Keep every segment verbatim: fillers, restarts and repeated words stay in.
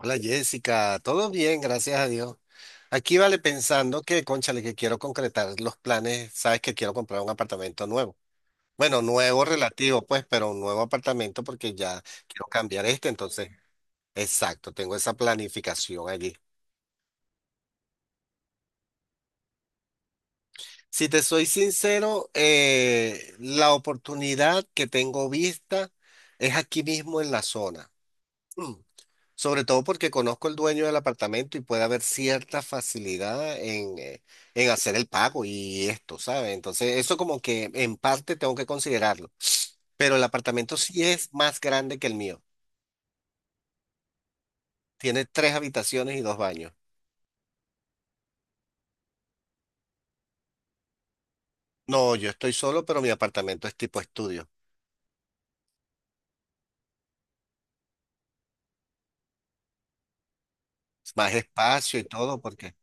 Hola Jessica, todo bien, gracias a Dios. Aquí vale pensando que, cónchale, que quiero concretar los planes, sabes que quiero comprar un apartamento nuevo. Bueno, nuevo relativo, pues, pero un nuevo apartamento porque ya quiero cambiar este, entonces, exacto, tengo esa planificación allí. Si te soy sincero, eh, la oportunidad que tengo vista es aquí mismo en la zona. Sobre todo porque conozco el dueño del apartamento y puede haber cierta facilidad en, eh, en hacer el pago y esto, ¿sabes? Entonces, eso como que en parte tengo que considerarlo. Pero el apartamento sí es más grande que el mío. Tiene tres habitaciones y dos baños. No, yo estoy solo, pero mi apartamento es tipo estudio. Es más espacio y todo, porque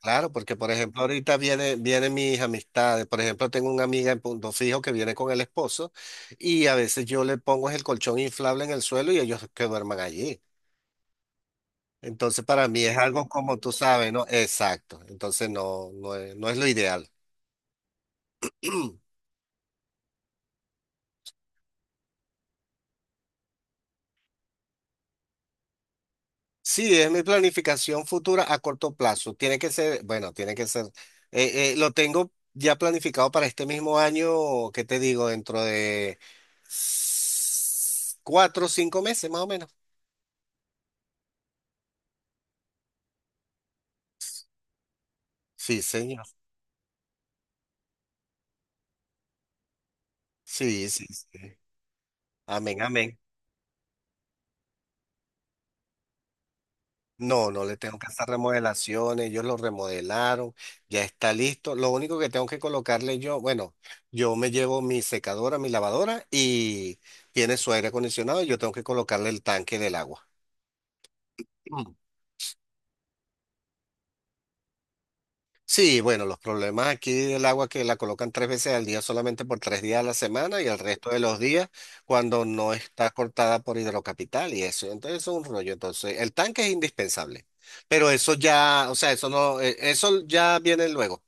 claro, porque por ejemplo ahorita viene, vienen mis amistades, por ejemplo tengo una amiga en Punto Fijo que viene con el esposo y a veces yo le pongo el colchón inflable en el suelo y ellos que duerman allí. Entonces para mí es algo como tú sabes, ¿no? Exacto, entonces no, no es, no es lo ideal. Sí, es mi planificación futura a corto plazo. Tiene que ser, bueno, tiene que ser, eh, eh, lo tengo ya planificado para este mismo año, ¿qué te digo? Dentro de s- cuatro o cinco meses más o menos. Sí, señor. Sí, sí, sí. Amén, amén. No, no le tengo que hacer remodelaciones, ellos lo remodelaron, ya está listo. Lo único que tengo que colocarle yo, bueno, yo me llevo mi secadora, mi lavadora y tiene su aire acondicionado y yo tengo que colocarle el tanque del agua. Sí, bueno, los problemas aquí del agua que la colocan tres veces al día solamente por tres días a la semana y el resto de los días cuando no está cortada por Hidrocapital y eso. Entonces eso es un rollo. Entonces, el tanque es indispensable. Pero eso ya, o sea, eso no, eh, eso ya viene luego.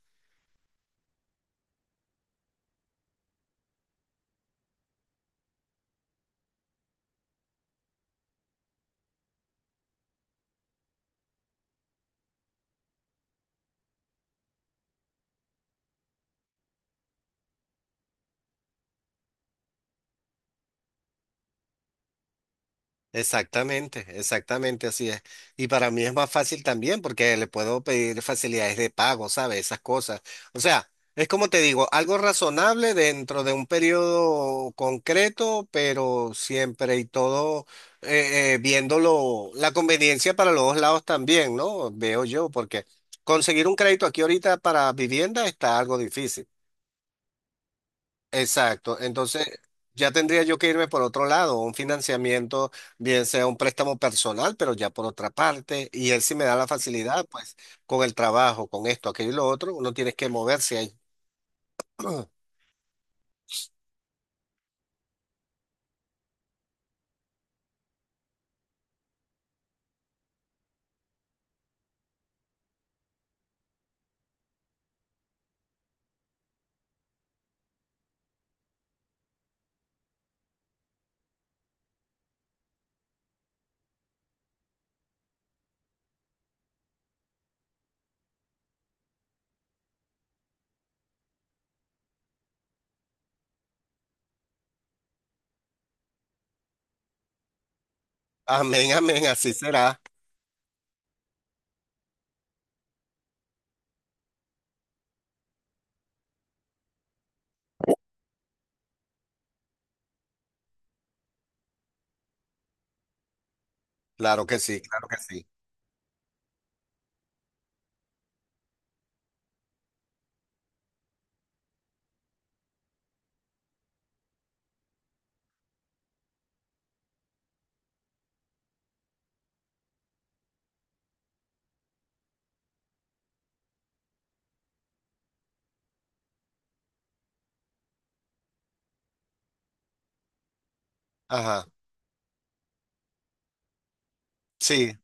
Exactamente, exactamente así es. Y para mí es más fácil también porque le puedo pedir facilidades de pago, ¿sabes? Esas cosas. O sea, es como te digo, algo razonable dentro de un periodo concreto, pero siempre y todo eh, eh, viéndolo, la conveniencia para los dos lados también, ¿no? Veo yo, porque conseguir un crédito aquí ahorita para vivienda está algo difícil. Exacto. Entonces, ya tendría yo que irme por otro lado, un financiamiento, bien sea un préstamo personal, pero ya por otra parte, y él sí me da la facilidad, pues, con el trabajo, con esto, aquello y lo otro, uno tiene que moverse ahí. Amén, amén, así será. Claro que sí, claro que sí. Ajá. Sí,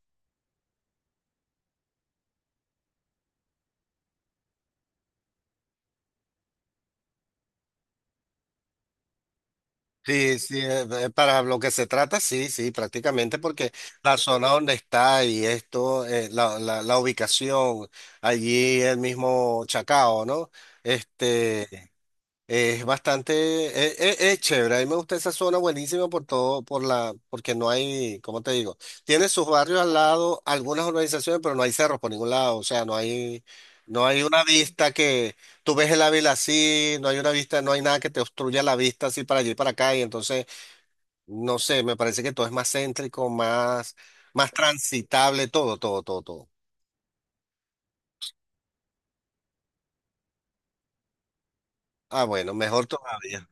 sí, sí, eh, eh, para lo que se trata, sí, sí, prácticamente porque la zona donde está y esto, eh, la, la, la ubicación, allí el mismo Chacao, ¿no? Este. Es bastante, es, es- es chévere. A mí me gusta esa zona buenísima por todo, por la, porque no hay, ¿cómo te digo? Tiene sus barrios al lado, algunas urbanizaciones, pero no hay cerros por ningún lado. O sea, no hay, no hay una vista que tú ves el Ávila así, no hay una vista, no hay nada que te obstruya la vista así para allí y para acá. Y entonces, no sé, me parece que todo es más céntrico, más, más transitable, todo, todo, todo, todo. Ah, bueno, mejor todavía.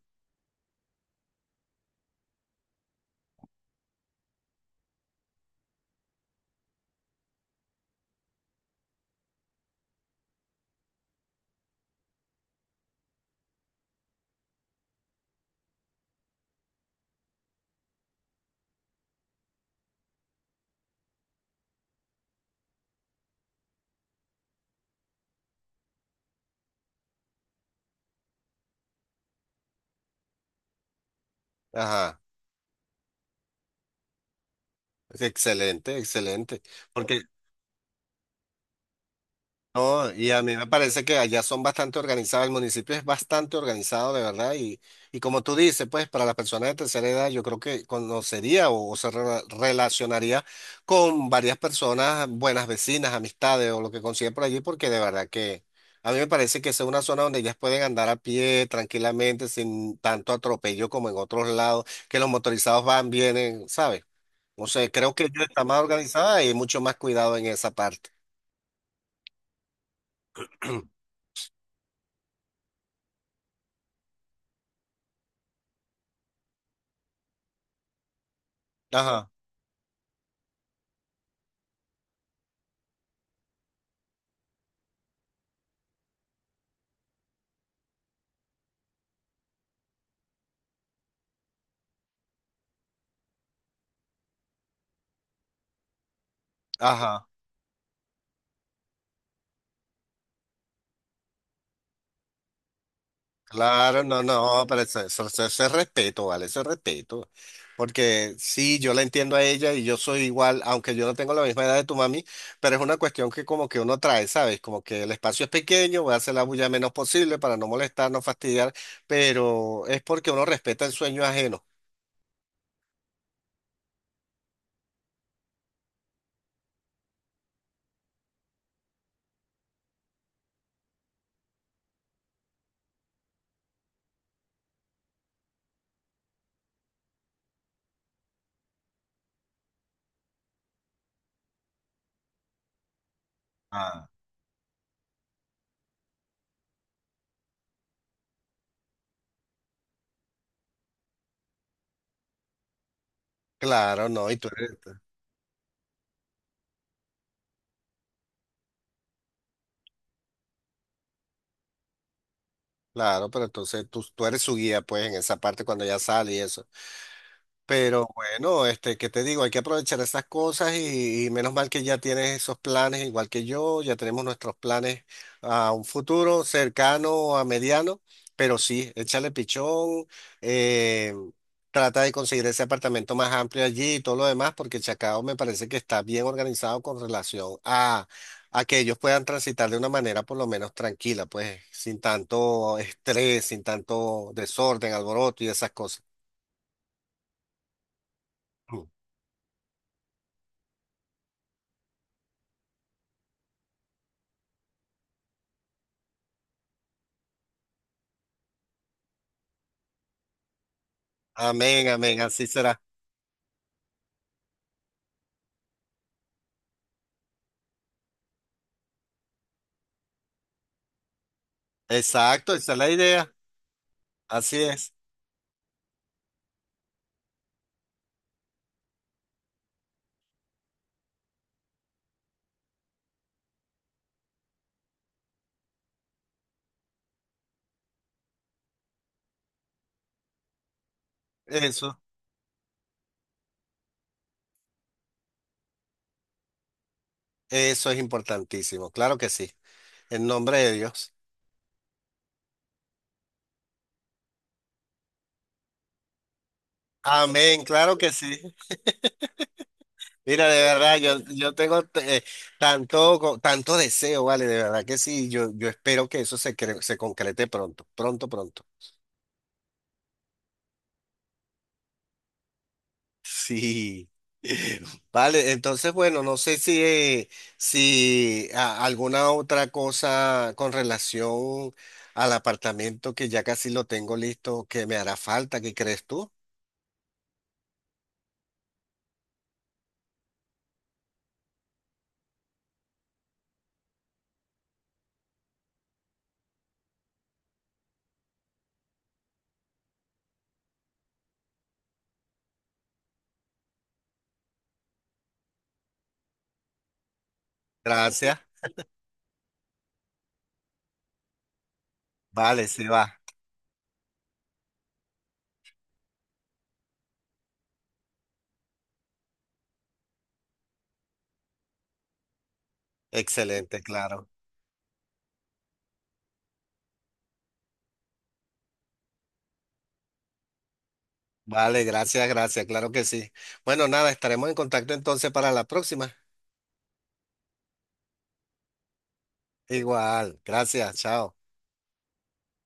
Ajá. Excelente, excelente. No, y a mí me parece que allá son bastante organizados, el municipio es bastante organizado de verdad y, y como tú dices, pues para las personas de tercera edad yo creo que conocería o, o se rela- relacionaría con varias personas, buenas vecinas, amistades o lo que consigue por allí, porque de verdad que a mí me parece que esa es una zona donde ellas pueden andar a pie tranquilamente sin tanto atropello como en otros lados, que los motorizados van, vienen, ¿sabes? No sé, creo que yo está más organizada y hay mucho más cuidado en esa parte. Ajá, ajá. Claro, no, no, pero eso, eso- eso- eso es respeto, ¿vale? Eso es respeto. Porque sí, yo la entiendo a ella y yo soy igual, aunque yo no tengo la misma edad de tu mami, pero es una cuestión que como que uno trae, ¿sabes? Como que el espacio es pequeño, voy a hacer la bulla menos posible para no molestar, no fastidiar, pero es porque uno respeta el sueño ajeno. Ah, claro, no, y tú eres, claro, pero entonces tú, tú eres su guía, pues, en esa parte cuando ella sale y eso. Pero bueno, este, ¿qué te digo? Hay que aprovechar esas cosas y, y menos mal que ya tienes esos planes igual que yo, ya tenemos nuestros planes a un futuro cercano, a mediano, pero sí, échale pichón, eh, trata de conseguir ese apartamento más amplio allí y todo lo demás, porque Chacao me parece que está bien organizado con relación a, a que ellos puedan transitar de una manera por lo menos tranquila, pues sin tanto estrés, sin tanto desorden, alboroto y esas cosas. Amén, amén, así será. Exacto, esa es la idea. Así es. Eso, eso es importantísimo. Claro que sí. En nombre de Dios. Amén, claro que sí. Mira, de verdad, yo, yo tengo eh, tanto, co- tanto deseo, vale, de verdad que sí. Yo, yo espero que eso se, cre- se concrete pronto, pronto, pronto. Sí. Vale, entonces, bueno, no sé si, eh, si a- alguna otra cosa con relación al apartamento que ya casi lo tengo listo, que me hará falta, ¿qué crees tú? Gracias. Vale, sí va. Excelente, claro. Vale, gracias, gracias, claro que sí. Bueno, nada, estaremos en contacto entonces para la próxima. Igual, gracias, chao.